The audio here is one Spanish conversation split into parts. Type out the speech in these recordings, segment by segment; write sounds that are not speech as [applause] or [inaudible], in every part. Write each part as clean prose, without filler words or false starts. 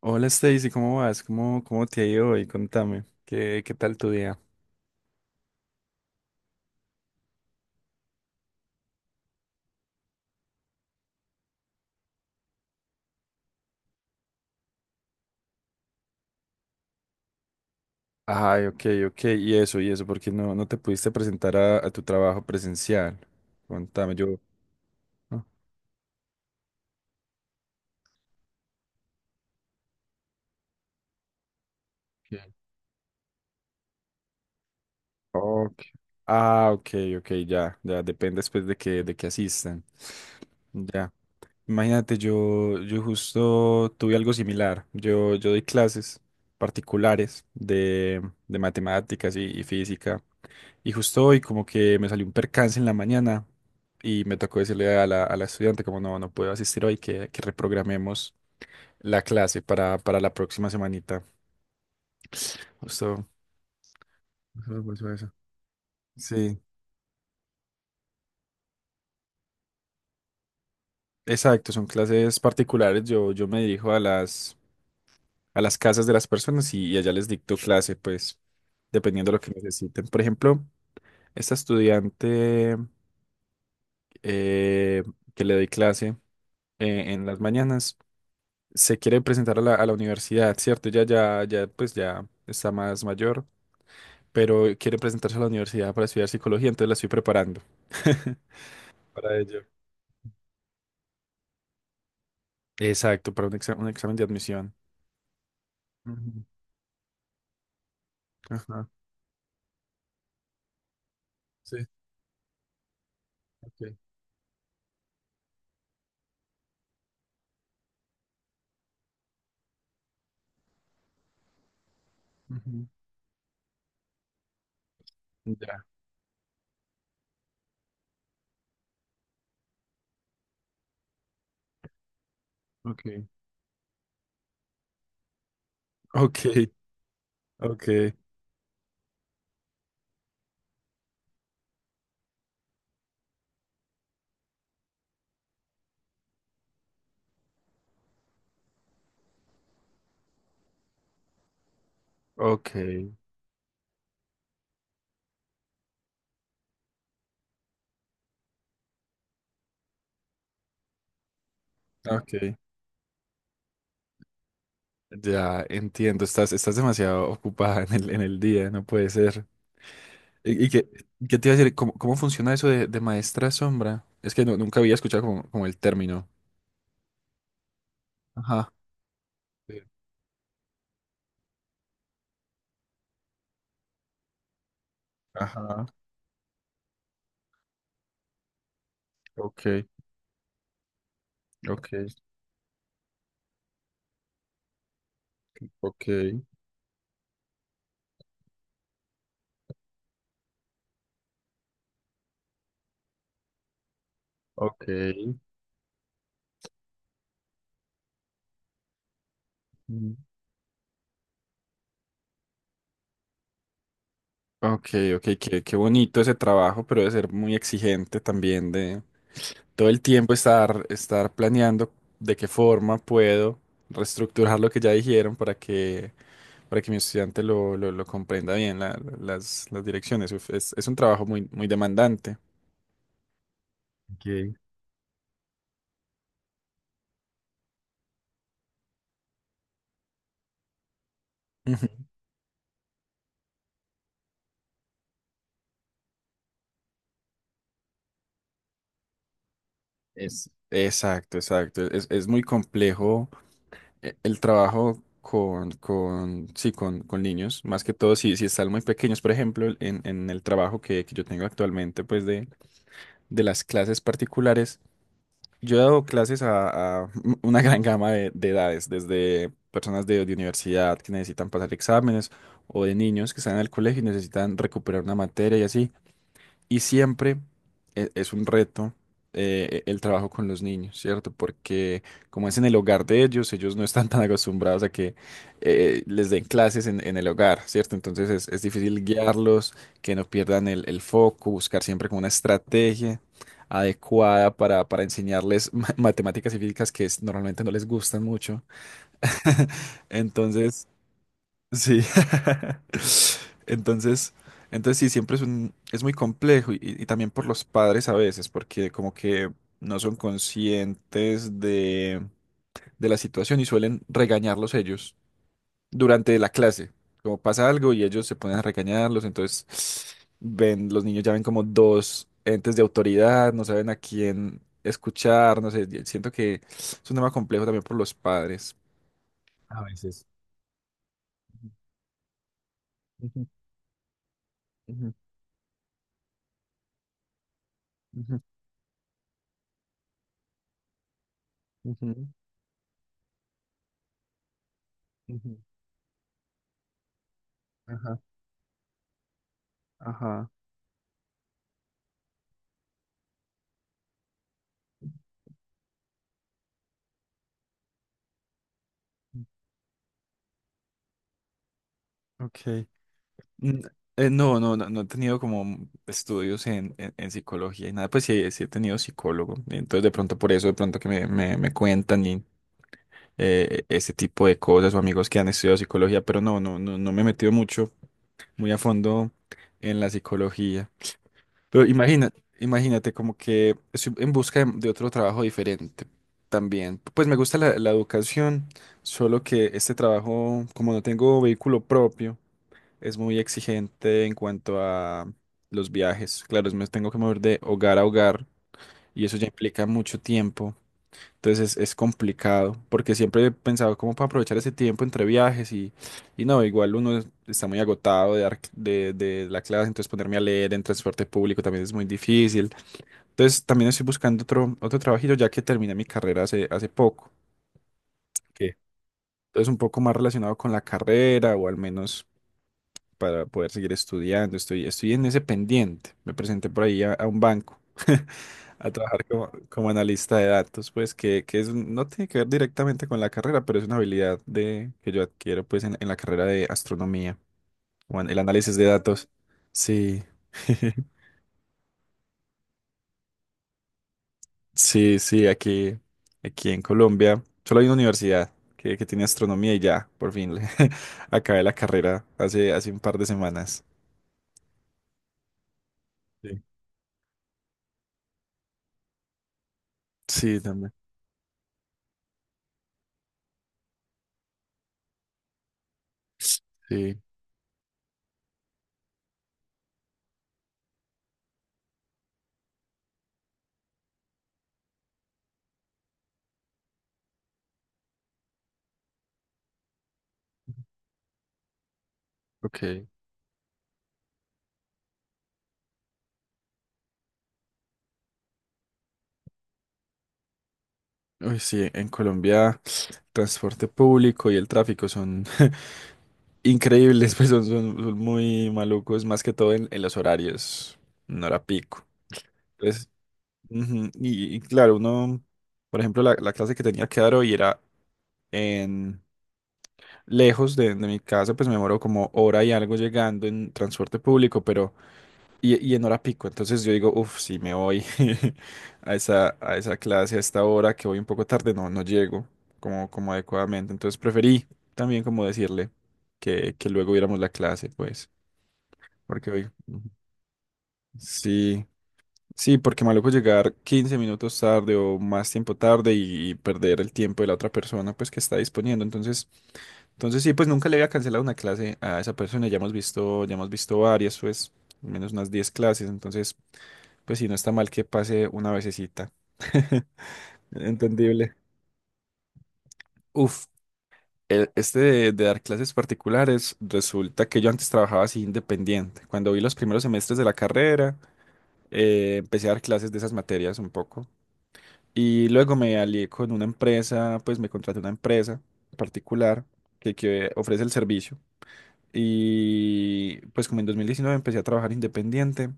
Hola Stacy, ¿cómo vas? ¿Cómo te ha ido hoy? Contame, ¿qué tal tu día? Ay, ok, ok, y eso, porque no te pudiste presentar a tu trabajo presencial. Contame, yo. Ah, ok. Ok. Ah, ok, ok, ya, ya, depende después de que asistan. Ya. Imagínate, yo justo tuve algo similar. Yo doy clases particulares de matemáticas y física. Y justo hoy como que me salió un percance en la mañana y me tocó decirle a la estudiante como no puedo asistir hoy, que reprogramemos la clase para la próxima semanita. Justo, ajá, por eso. Sí. Exacto, son clases particulares. Yo me dirijo a las a las casas de las personas y allá les dicto clase, pues, dependiendo de lo que necesiten. Por ejemplo, esta estudiante eh, que le doy clase en las mañanas se quiere presentar a la universidad, ¿cierto? Ya, ya, ya, pues ya está más mayor, pero quiere presentarse a la universidad para estudiar psicología, entonces la estoy preparando [laughs] para ello. Exacto, para un examen de admisión. Ujú, ajá, sí, ok. Ujú, ya, ok. Ok, ok, ok. Ok, ya entiendo, estás demasiado ocupada en el día, no puede ser. ¿Y qué te iba a decir? ¿Cómo funciona eso de maestra sombra? Es que no, nunca había escuchado como, como el término. Ajá. Sí. Ajá. Ok, ok, ok, ok. Mm. Ok, ok, qué bonito ese trabajo, pero debe ser muy exigente también todo el tiempo estar planeando de qué forma puedo reestructurar lo que ya dijeron para que mi estudiante lo comprenda bien, las direcciones. Uf, es un trabajo muy, muy demandante. Ok. Ujú. Exacto. Es muy complejo el trabajo con, sí, con niños, más que todo si, si están muy pequeños. Por ejemplo, en el trabajo que yo tengo actualmente, pues de las clases particulares. Yo he dado clases a [laughs] una gran gama de edades, desde personas de universidad que necesitan pasar exámenes o de niños que están en el colegio y necesitan recuperar una materia y así. Y siempre es un reto el trabajo con los niños, ¿cierto? Porque como es en el hogar de ellos, ellos no están [laughs] tan acostumbrados a que les den clases en el hogar, ¿cierto? Entonces es difícil guiarlos, que no pierdan el foco, buscar siempre como una estrategia adecuada para enseñarles matemáticas y físicas que normalmente no les gustan mucho. [laughs] Entonces. Sí. [laughs] Entonces, entonces sí, siempre es un, es muy complejo y también por los padres a veces, porque como que no son conscientes de la situación y suelen regañarlos ellos durante la clase. Como pasa algo y ellos se ponen a regañarlos, entonces ven, los niños ya ven como dos entes de autoridad, no saben a quién escuchar, no sé, siento que es un tema complejo también por los padres. A veces. Ujú, ujú, ujú, ujú. Ujú. Ajá, ajá. Ok. Mm, no he tenido como estudios en psicología y nada, pues sí, sí he tenido psicólogo. Entonces, de pronto por eso, de pronto que me cuentan y ese tipo de cosas o amigos que han estudiado psicología, pero no me he metido mucho, muy a fondo en la psicología. Pero imagínate como que estoy en busca de otro trabajo diferente también. Pues me gusta la educación, solo que este trabajo, como no tengo vehículo propio, es muy exigente en cuanto a los viajes. Claro, me tengo que mover de hogar a hogar y eso ya implica mucho tiempo. Entonces es complicado, porque siempre he pensado cómo para aprovechar ese tiempo entre viajes y no, igual uno está muy agotado de la clase, entonces ponerme a leer en transporte público también es muy difícil. Entonces también estoy buscando otro, otro trabajito ya que terminé mi carrera hace, hace poco. ¿Qué? Entonces un poco más relacionado con la carrera o al menos para poder seguir estudiando. Estoy en ese pendiente. Me presenté por ahí a un banco. [laughs] A trabajar como, como analista de datos, pues que es, no tiene que ver directamente con la carrera, pero es una habilidad que yo adquiero pues en la carrera de astronomía o en el análisis de datos. Sí, [laughs] sí, sí, aquí, aquí en Colombia solo hay una universidad que tiene astronomía y ya, por fin, [laughs] acabé la carrera hace, hace un par de semanas. Sí, sí, también. Sí, ok. Uy, sí, en Colombia transporte público y el tráfico son [laughs] increíbles, [laughs] pues son, son muy malucos, más que todo en los horarios, no era pico. Entonces, ujú, y claro, uno, por ejemplo, la clase que tenía que dar hoy era en lejos de mi casa, pues me demoró como hora y algo llegando en transporte público, pero y en hora pico. Entonces yo digo, uff, si me voy [laughs] a esa clase a esta hora que voy un poco tarde, no, no llego como, como adecuadamente. Entonces preferí también como decirle que luego viéramos la clase, pues. Porque hoy. Ujú. Sí, sí, porque maluco llegar 15 minutos tarde o más tiempo tarde y perder el tiempo de la otra persona, pues que está disponiendo. Entonces, entonces sí, pues nunca le había cancelado una clase a esa persona. Ya hemos visto varias, pues, al menos unas 10 clases. Entonces, pues sí, no está mal que pase una vececita. [laughs] Entendible. Uf, este de dar clases particulares, resulta que yo antes trabajaba así independiente. Cuando vi los primeros semestres de la carrera, empecé a dar clases de esas materias un poco. Y luego me alié con una empresa, pues me contraté una empresa particular que ofrece el servicio. Y pues como en 2019 empecé a trabajar independiente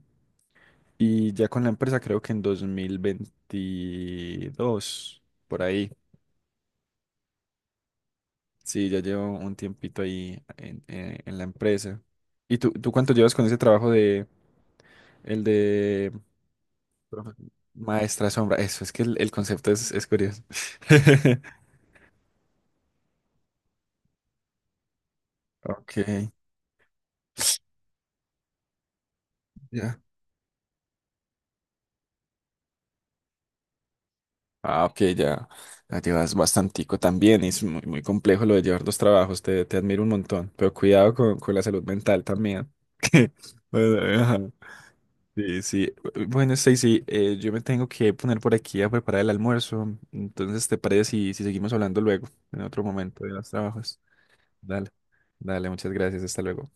y ya con la empresa creo que en 2022, por ahí. Sí, ya llevo un tiempito ahí en la empresa. ¿Y tú cuánto llevas con ese trabajo de el de profe- maestra sombra? Eso, es que el concepto es curioso. [laughs] Ok, ya. Ah, ok, ya. La llevas bastantico también. Es muy, muy complejo lo de llevar dos trabajos. Te admiro un montón. Pero cuidado con la salud mental también. [laughs] Bueno, ajá. Sí, sí. Bueno, Stacy, yo me tengo que poner por aquí a preparar el almuerzo. Entonces, ¿te parece si seguimos hablando luego, en otro momento de los trabajos? Dale, dale, muchas gracias. Hasta luego.